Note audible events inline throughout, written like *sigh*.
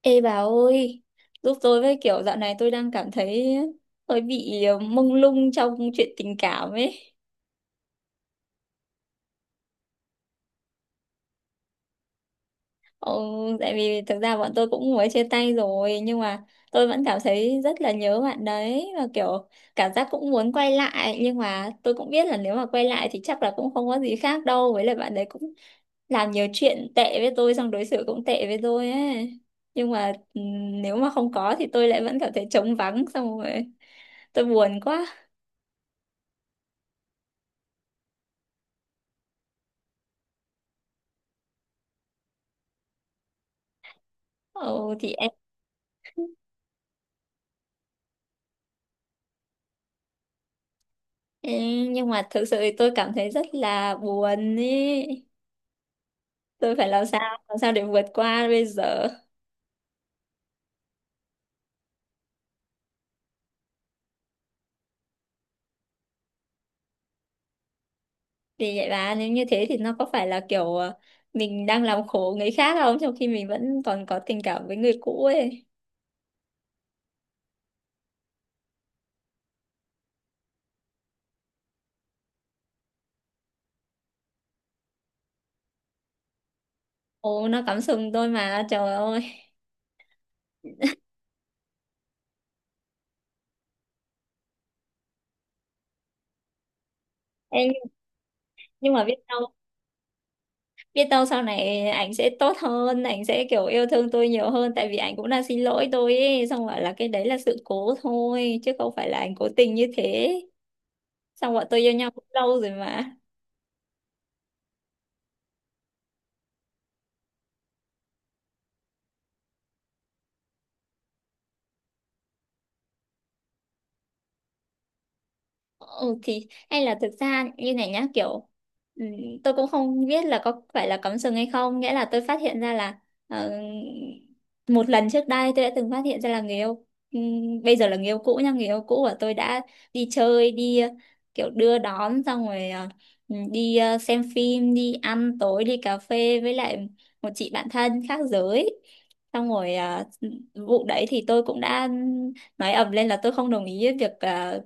Ê bà ơi, giúp tôi với, kiểu dạo này tôi đang cảm thấy hơi bị mông lung trong chuyện tình cảm ấy. Ồ, tại vì thực ra bọn tôi cũng mới chia tay rồi, nhưng mà tôi vẫn cảm thấy rất là nhớ bạn đấy, và kiểu cảm giác cũng muốn quay lại, nhưng mà tôi cũng biết là nếu mà quay lại thì chắc là cũng không có gì khác đâu, với lại bạn đấy cũng làm nhiều chuyện tệ với tôi, xong đối xử cũng tệ với tôi ấy. Nhưng mà nếu mà không có thì tôi lại vẫn cảm thấy trống vắng, xong rồi tôi buồn quá. Ồ thì em, nhưng mà thực sự thì tôi cảm thấy rất là buồn ý. Tôi phải làm sao, làm sao để vượt qua bây giờ. Thì vậy bà, nếu như thế thì nó có phải là kiểu mình đang làm khổ người khác không, trong khi mình vẫn còn có tình cảm với người cũ ấy. Ồ, nó cắm sừng tôi mà, trời ơi. Em nhưng mà biết đâu, biết đâu sau này ảnh sẽ tốt hơn, ảnh sẽ kiểu yêu thương tôi nhiều hơn, tại vì ảnh cũng đang xin lỗi tôi ấy, xong rồi là cái đấy là sự cố thôi chứ không phải là ảnh cố tình như thế. Xong bọn tôi yêu nhau cũng lâu rồi mà. Ừ thì hay là thực ra như này nhá, kiểu ừ, tôi cũng không biết là có phải là cắm sừng hay không, nghĩa là tôi phát hiện ra là ờ, một lần trước đây tôi đã từng phát hiện ra là người yêu, ừ, bây giờ là người yêu cũ nha, người yêu cũ của tôi đã đi chơi, kiểu đưa đón, xong rồi xem phim, đi ăn tối, đi cà phê với lại một chị bạn thân khác giới. Xong rồi vụ đấy thì tôi cũng đã nói ầm lên là tôi không đồng ý việc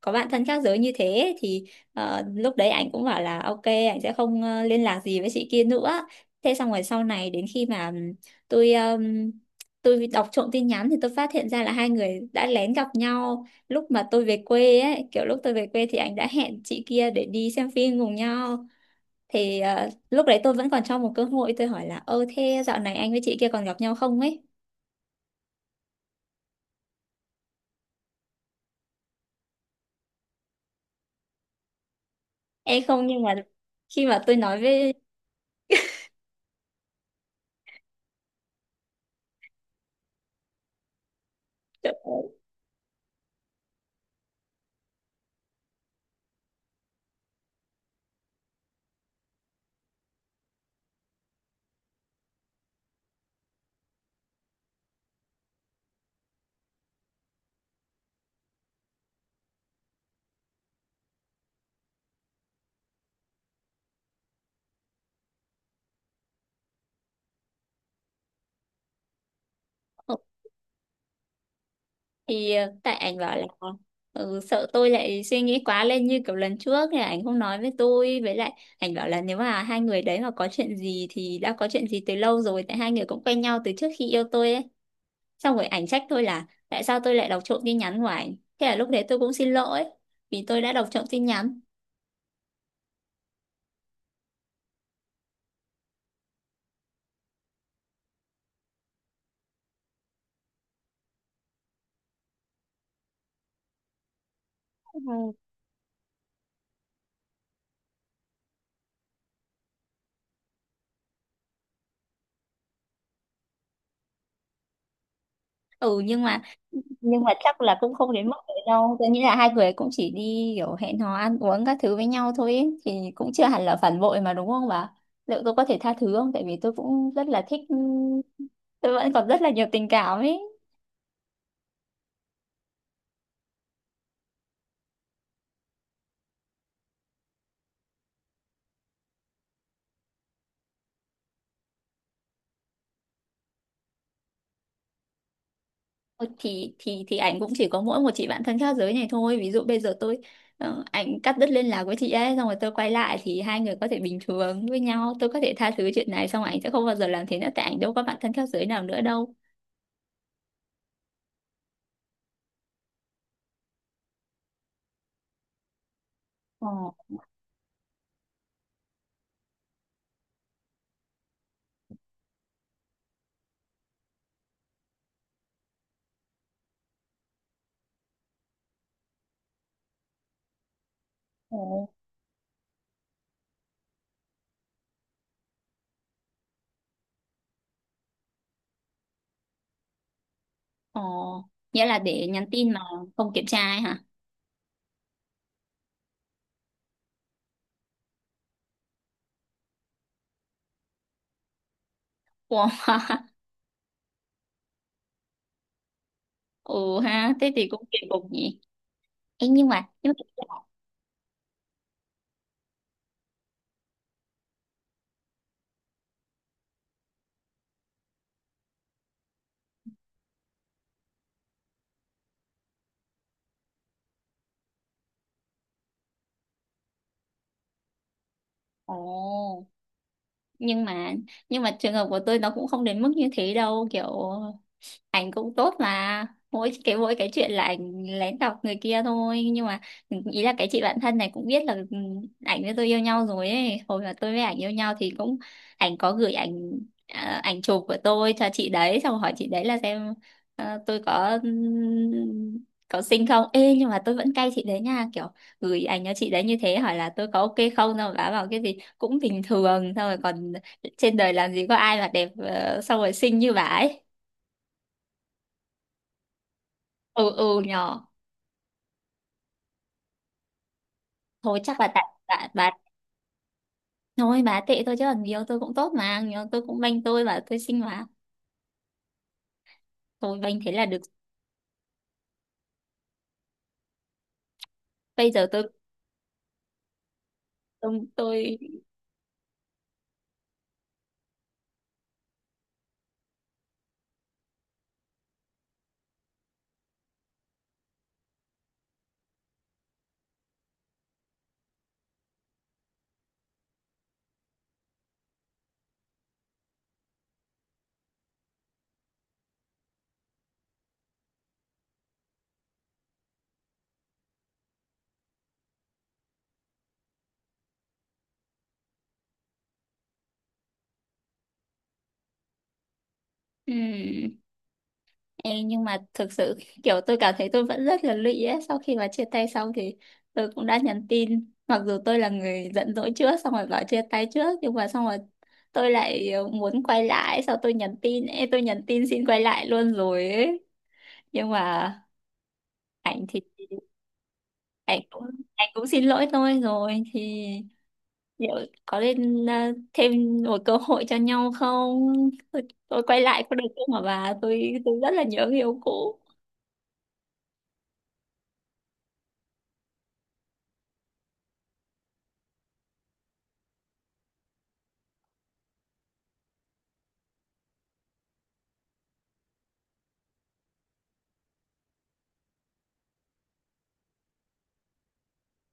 có bạn thân khác giới như thế. Thì lúc đấy anh cũng bảo là ok, anh sẽ không liên lạc gì với chị kia nữa. Thế xong rồi sau này đến khi mà tôi ừm, tôi đọc trộm tin nhắn thì tôi phát hiện ra là hai người đã lén gặp nhau lúc mà tôi về quê ấy, kiểu lúc tôi về quê thì anh đã hẹn chị kia để đi xem phim cùng nhau. Thì lúc đấy tôi vẫn còn cho một cơ hội, tôi hỏi là ơ thế dạo này anh với chị kia còn gặp nhau không ấy. Em không, nhưng mà khi mà tôi nói với ờ thì tại ảnh bảo là sợ tôi lại suy nghĩ quá lên như kiểu lần trước thì ảnh không nói với tôi, với lại ảnh bảo là nếu mà hai người đấy mà có chuyện gì thì đã có chuyện gì từ lâu rồi, tại hai người cũng quen nhau từ trước khi yêu tôi ấy. Xong rồi ảnh trách tôi là tại sao tôi lại đọc trộm tin nhắn của ảnh, thế là lúc đấy tôi cũng xin lỗi vì tôi đã đọc trộm tin nhắn. Ừ nhưng mà, nhưng mà chắc là cũng không đến mức đấy đâu, tôi nghĩ là hai người cũng chỉ đi kiểu hẹn hò ăn uống các thứ với nhau thôi ấy. Thì cũng chưa hẳn là phản bội mà, đúng không bà? Liệu tôi có thể tha thứ không, tại vì tôi cũng rất là thích, tôi vẫn còn rất là nhiều tình cảm ấy. Ờ, thì ảnh cũng chỉ có mỗi một chị bạn thân khác giới này thôi, ví dụ bây giờ tôi ảnh cắt đứt liên lạc với chị ấy xong rồi tôi quay lại thì hai người có thể bình thường với nhau, tôi có thể tha thứ chuyện này, xong ảnh sẽ không bao giờ làm thế nữa tại ảnh đâu có bạn thân khác giới nào nữa đâu. Ờ. Ừ. Ồ, nghĩa là để nhắn tin mà không kiểm tra ấy hả? Wow. *laughs* Ồ ha, thế thì cũng kỳ cục nhỉ. Ê, nhưng mà ồ, nhưng mà, nhưng mà trường hợp của tôi nó cũng không đến mức như thế đâu, kiểu ảnh cũng tốt, mà mỗi cái chuyện là ảnh lén đọc người kia thôi. Nhưng mà ý là cái chị bạn thân này cũng biết là ảnh với tôi yêu nhau rồi ấy. Hồi mà tôi với ảnh yêu nhau thì cũng ảnh có gửi ảnh, à, ảnh chụp của tôi cho chị đấy, xong hỏi chị đấy là xem tôi có xinh không. Ê nhưng mà tôi vẫn cay chị đấy nha, kiểu gửi ảnh cho chị đấy như thế hỏi là tôi có ok không, xong rồi bà bảo cái gì cũng bình thường, xong rồi còn trên đời làm gì có ai mà đẹp xong rồi xinh như bà ấy. Ừ ừ nhỏ, thôi chắc là tại bà, thôi bà tệ thôi, chứ còn nhiều tôi cũng tốt mà, nhiều tôi cũng banh, tôi và tôi xinh mà, tôi banh thế là được. Bây giờ tôi ừm, ê, nhưng mà thực sự kiểu tôi cảm thấy tôi vẫn rất là lụy ấy. Sau khi bà chia tay xong thì tôi cũng đã nhắn tin, mặc dù tôi là người giận dỗi trước xong rồi bảo chia tay trước, nhưng mà xong rồi tôi lại muốn quay lại. Sau tôi nhắn tin, ê tôi nhắn tin xin quay lại luôn rồi ấy, nhưng mà ảnh thì anh cũng anh cũng xin lỗi tôi rồi. Thì liệu có nên à, thêm một cơ hội cho nhau không? Tôi, tôi quay lại có được không mà bà, tôi rất là nhớ người yêu cũ.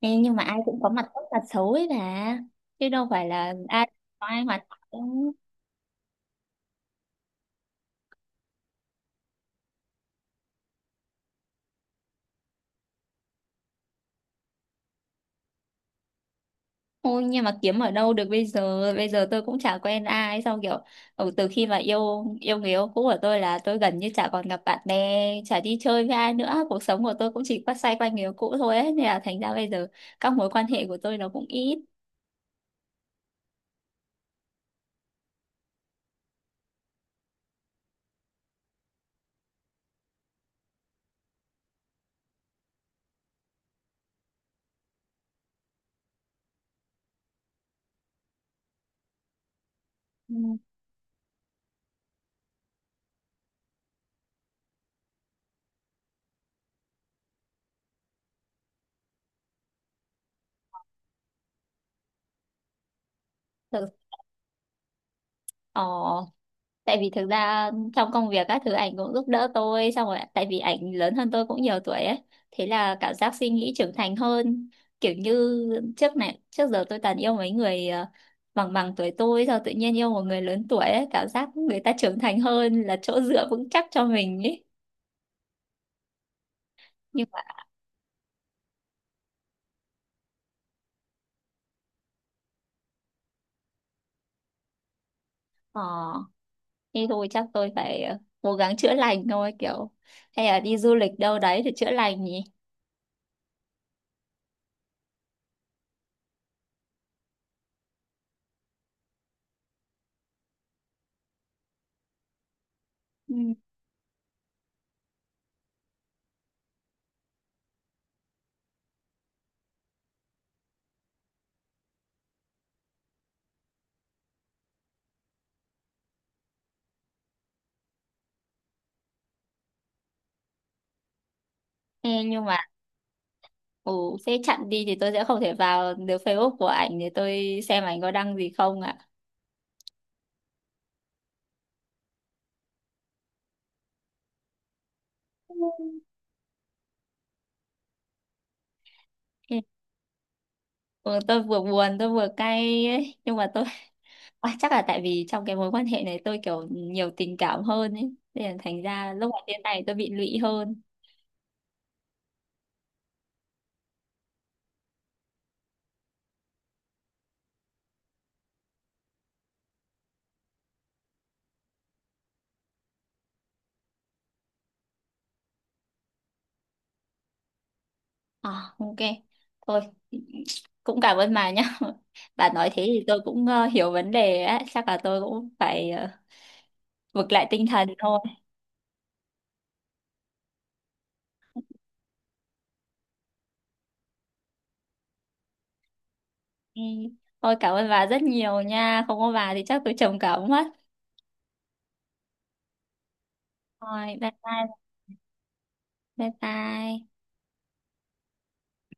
Ê, nhưng mà ai cũng có mặt tốt mặt xấu ấy bà, chứ đâu phải là ai có ai mặt tốt. Ôi nhưng mà kiếm ở đâu được bây giờ? Bây giờ tôi cũng chả quen ai. Xong kiểu từ khi mà yêu yêu người yêu cũ của tôi là tôi gần như chả còn gặp bạn bè, chả đi chơi với ai nữa, cuộc sống của tôi cũng chỉ quay xoay quanh người yêu cũ thôi ấy. Nên là thành ra bây giờ các mối quan hệ của tôi nó cũng ít. Ừ. Thực, ờ tại vì thực ra trong công việc các thứ ảnh cũng giúp đỡ tôi, xong rồi tại vì ảnh lớn hơn tôi cũng nhiều tuổi ấy, thế là cảm giác suy nghĩ trưởng thành hơn, kiểu như trước này trước giờ tôi toàn yêu mấy người bằng bằng tuổi tôi, sao tự nhiên yêu một người lớn tuổi ấy cảm giác người ta trưởng thành hơn, là chỗ dựa vững chắc cho mình ấy. Nhưng mà ờ, thế thôi chắc tôi phải cố gắng chữa lành thôi, kiểu hay là đi du lịch đâu đấy để chữa lành nhỉ. Ừ. Ê, nhưng mà ồ, thế chặn đi thì tôi sẽ không thể vào được Facebook của ảnh để tôi xem ảnh có đăng gì không ạ. Ừ, tôi vừa buồn, tôi vừa cay ấy. Nhưng mà tôi *laughs* à, chắc là tại vì trong cái mối quan hệ này tôi kiểu nhiều tình cảm hơn ấy. Nên là thành ra lúc mà thế này tôi bị lụy hơn. À, ok. Thôi, cũng cảm ơn bà nhá. *laughs* Bà nói thế thì tôi cũng hiểu vấn đề á. Chắc là tôi cũng phải vực lại tinh thần thôi. Ừ. Thôi cảm ơn bà rất nhiều nha. Không có bà thì chắc tôi trầm cảm mất. Rồi, bye bye, bye bye.